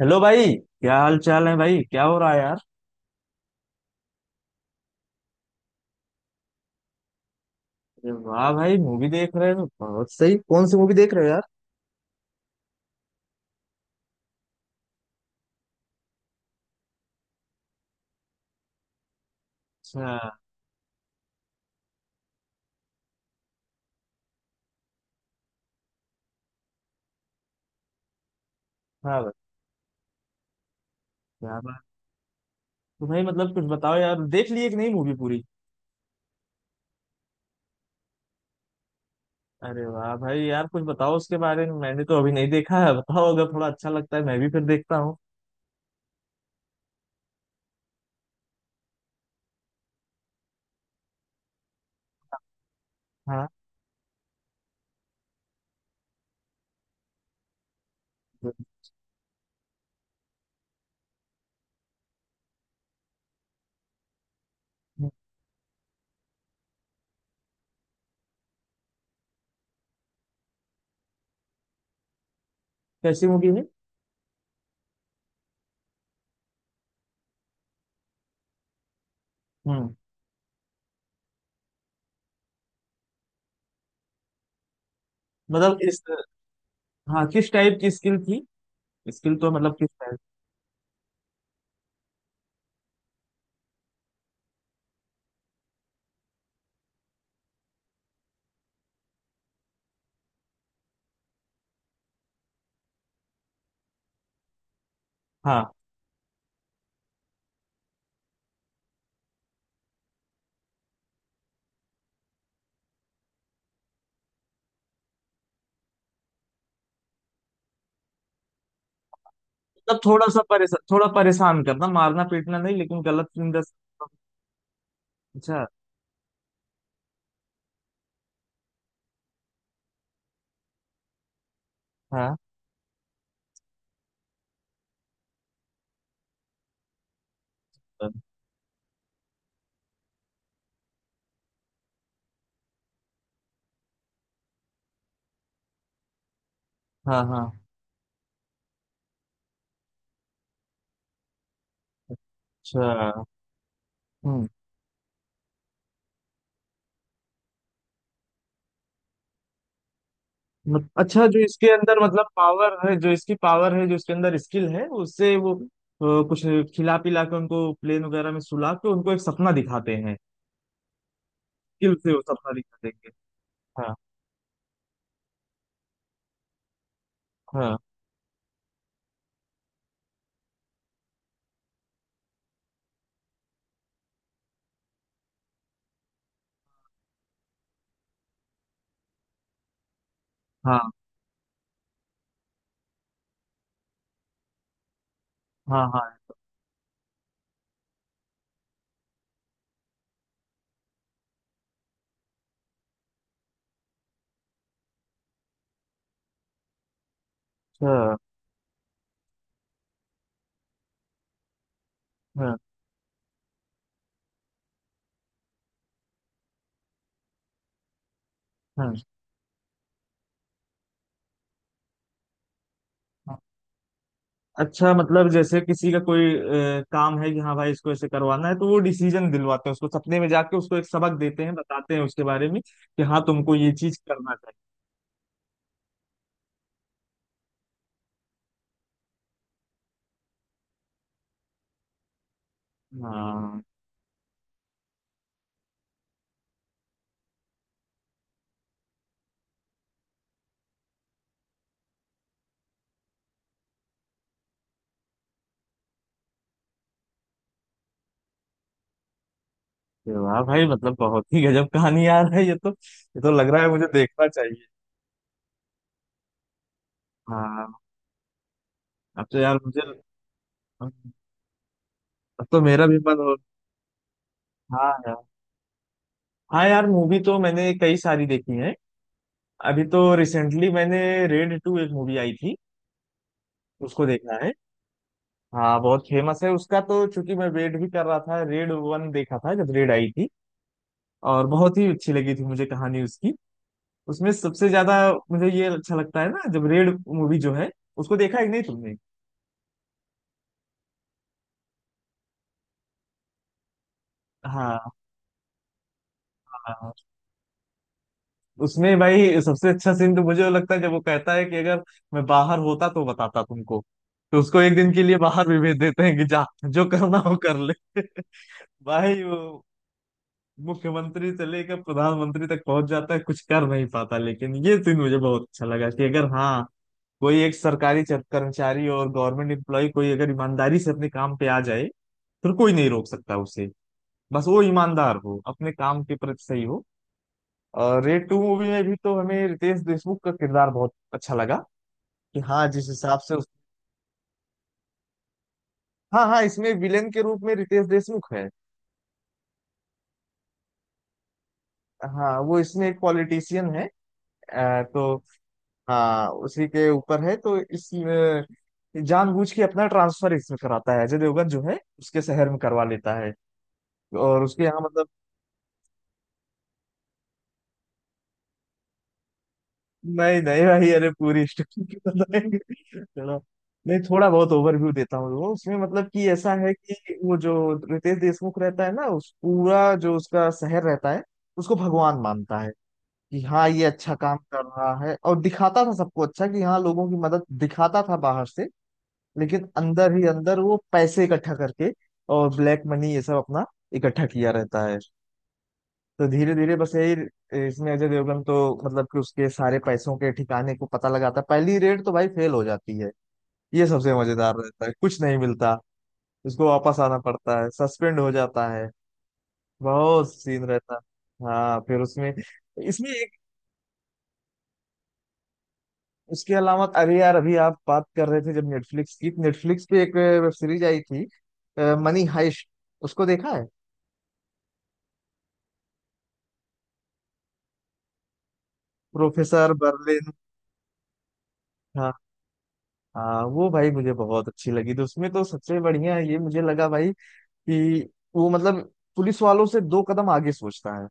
Hello भाई। क्या हाल चाल है भाई, क्या हो रहा है यार? अरे वाह भाई, मूवी देख रहे हो, बहुत सही। कौन सी मूवी देख रहे हो यार? अच्छा। हाँ भाई। क्या बात! तो भाई मतलब कुछ बताओ यार, देख लिए कि नहीं मूवी पूरी? अरे वाह भाई यार, कुछ बताओ उसके बारे में, मैंने तो अभी नहीं देखा है। बताओ, अगर थोड़ा अच्छा लगता है मैं भी फिर देखता हूँ। हाँ। कैसी मूवी है? हम्म। मतलब इस... हाँ, किस टाइप की स्किल थी? स्किल तो मतलब किस टाइप? हाँ। मतलब थोड़ा सा परेशान, थोड़ा परेशान करना, मारना पीटना नहीं लेकिन गलत इंदस। अच्छा। हाँ हाँ। हाँ। अच्छा। हम्म। अच्छा, जो इसके अंदर मतलब पावर है, जो इसकी पावर है, जो इसके अंदर स्किल है, उससे वो कुछ खिला पिला के उनको प्लेन वगैरह में सुला के उनको एक सपना दिखाते हैं। स्किल से वो सपना दिखा देंगे। हाँ हाँ हाँ हाँ हाँ। अच्छा। हाँ हाँ हाँ। अच्छा, मतलब जैसे किसी का कोई काम है कि हाँ भाई इसको ऐसे करवाना है, तो वो डिसीजन दिलवाते हैं, उसको सपने में जाके उसको एक सबक देते हैं, बताते हैं उसके बारे में कि हाँ तुमको ये चीज करना चाहिए। हाँ। अरे वाह भाई, मतलब बहुत ही गजब कहानी यार है ये तो, ये तो लग रहा है मुझे देखना चाहिए। हाँ। अब तो यार मुझे... अब तो मेरा भी मन हो... हाँ यार। हाँ यार, मूवी तो मैंने कई सारी देखी है। अभी तो रिसेंटली मैंने... रेड टू एक मूवी आई थी, उसको देखा है? हाँ, बहुत फेमस है उसका, तो चूंकि मैं वेट भी कर रहा था, रेड वन देखा था जब रेड आई थी, और बहुत ही अच्छी लगी थी मुझे कहानी उसकी। उसमें सबसे ज्यादा मुझे ये अच्छा लगता है ना, जब रेड मूवी जो है, उसको देखा है कि नहीं तुमने? हाँ हाँ। उसमें भाई सबसे अच्छा सीन तो मुझे वो लगता है जब वो कहता है कि अगर मैं बाहर होता तो बताता तुमको। तो उसको एक दिन के लिए बाहर भी भेज देते हैं कि जा, जो करना हो कर ले। भाई वो मुख्यमंत्री से लेकर प्रधानमंत्री तक पहुंच जाता है, कुछ कर नहीं पाता। लेकिन ये सीन मुझे बहुत अच्छा लगा कि अगर हाँ कोई एक सरकारी कर्मचारी और गवर्नमेंट एम्प्लॉय कोई अगर ईमानदारी से अपने काम पे आ जाए, फिर कोई नहीं रोक सकता उसे। बस वो ईमानदार हो, अपने काम के प्रति सही हो। और रेड टू मूवी में भी तो हमें रितेश देशमुख का किरदार बहुत अच्छा लगा, कि हाँ जिस हिसाब से उस... हाँ हाँ, इसमें विलेन के रूप में रितेश देशमुख है। हाँ वो इसमें एक पॉलिटिशियन है। तो हाँ उसी के ऊपर है, तो इस जानबूझ के अपना ट्रांसफर इसमें कराता है, अजय देवगन जो है उसके शहर में करवा लेता है। और उसके यहाँ मतलब... नहीं नहीं भाई, अरे पूरी स्टोरी क्यों बताएंगे। चलो, नहीं थोड़ा बहुत ओवरव्यू देता हूँ। वो उसमें मतलब कि ऐसा है कि वो जो रितेश देशमुख रहता है ना, उस पूरा जो उसका शहर रहता है, उसको भगवान मानता है कि हाँ ये अच्छा काम कर रहा है। और दिखाता था सबको अच्छा कि हाँ लोगों की मदद, दिखाता था बाहर से। लेकिन अंदर ही अंदर वो पैसे इकट्ठा करके और ब्लैक मनी ये सब अपना इकट्ठा किया रहता है। तो धीरे धीरे बस यही, इसमें अजय देवगन तो मतलब कि उसके सारे पैसों के ठिकाने को पता लगाता है। पहली रेड तो भाई फेल हो जाती है, ये सबसे मजेदार रहता है, कुछ नहीं मिलता। उसको वापस आना पड़ता है, सस्पेंड हो जाता है। बहुत सीन रहता है हाँ फिर उसमें। इसमें एक... उसके अलावा अरे यार, अभी आप बात कर रहे थे, जब नेटफ्लिक्स पे एक वेब सीरीज आई थी, मनी हाइस्ट, उसको देखा है? Professor Berlin. हाँ हाँ। वो भाई मुझे बहुत अच्छी लगी, तो उसमें तो सबसे बढ़िया ये मुझे लगा भाई कि वो मतलब पुलिस वालों से दो कदम आगे सोचता है।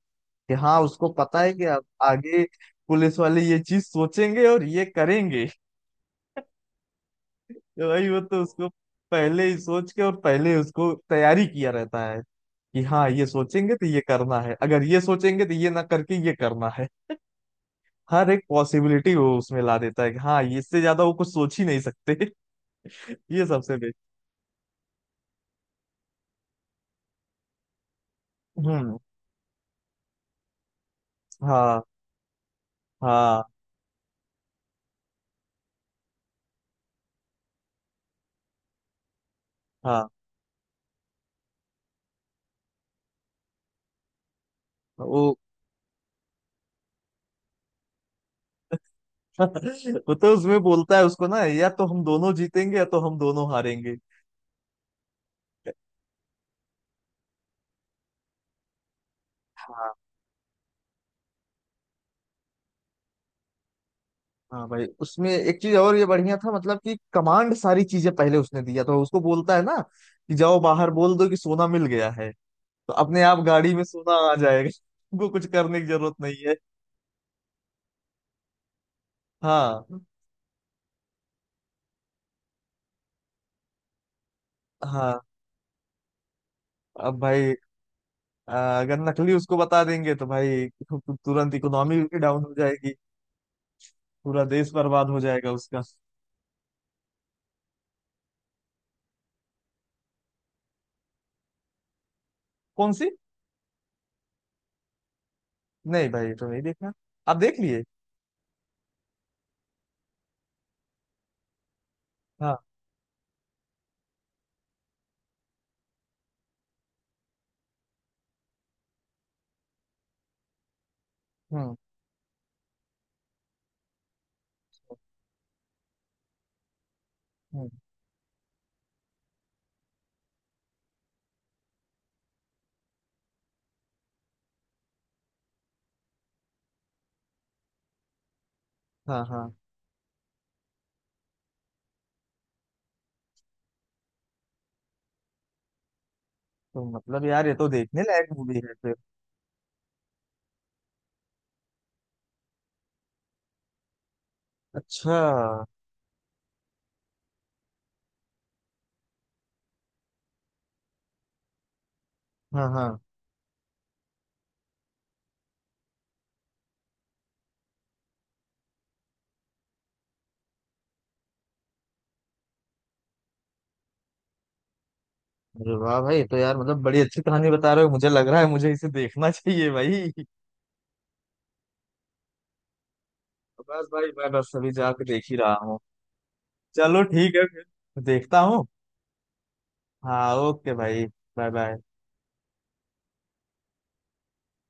कि हाँ उसको पता है कि अब आगे पुलिस वाले ये चीज सोचेंगे और ये करेंगे, तो भाई वो तो उसको पहले ही सोच के, और पहले उसको तैयारी किया रहता है कि हाँ ये सोचेंगे तो ये करना है, अगर ये सोचेंगे तो ये ना करके ये करना है। हर एक पॉसिबिलिटी वो उसमें ला देता है कि हाँ ये इससे ज्यादा वो कुछ सोच ही नहीं सकते। ये सबसे बेस्ट। हम्म। हाँ हाँ हाँ वो... वो तो उसमें बोलता है उसको ना, या तो हम दोनों जीतेंगे या तो हम दोनों हारेंगे। हाँ। हाँ भाई, उसमें एक चीज और ये बढ़िया था, मतलब कि कमांड सारी चीजें पहले उसने दिया तो उसको बोलता है ना कि जाओ बाहर बोल दो कि सोना मिल गया है। तो अपने आप गाड़ी में सोना आ जाएगा, तुमको कुछ करने की जरूरत नहीं है। हाँ हाँ। अब भाई अगर नकली उसको बता देंगे, तो भाई तु- तु- तुरंत इकोनॉमी डाउन हो जाएगी, पूरा देश बर्बाद हो जाएगा उसका। कौन सी? नहीं भाई तो नहीं देखा। आप देख लिए? हाँ। हम्म। हम्म, हाँ हाँ। तो मतलब यार ये तो देखने लायक मूवी है फिर। अच्छा। हाँ हाँ। अरे वाह भाई, तो यार मतलब बड़ी अच्छी कहानी बता रहे हो, मुझे लग रहा है मुझे इसे देखना चाहिए भाई। तो बस भाई मैं बस अभी जाके देख ही रहा हूँ। चलो ठीक है फिर देखता हूँ। हाँ ओके भाई। Bye bye.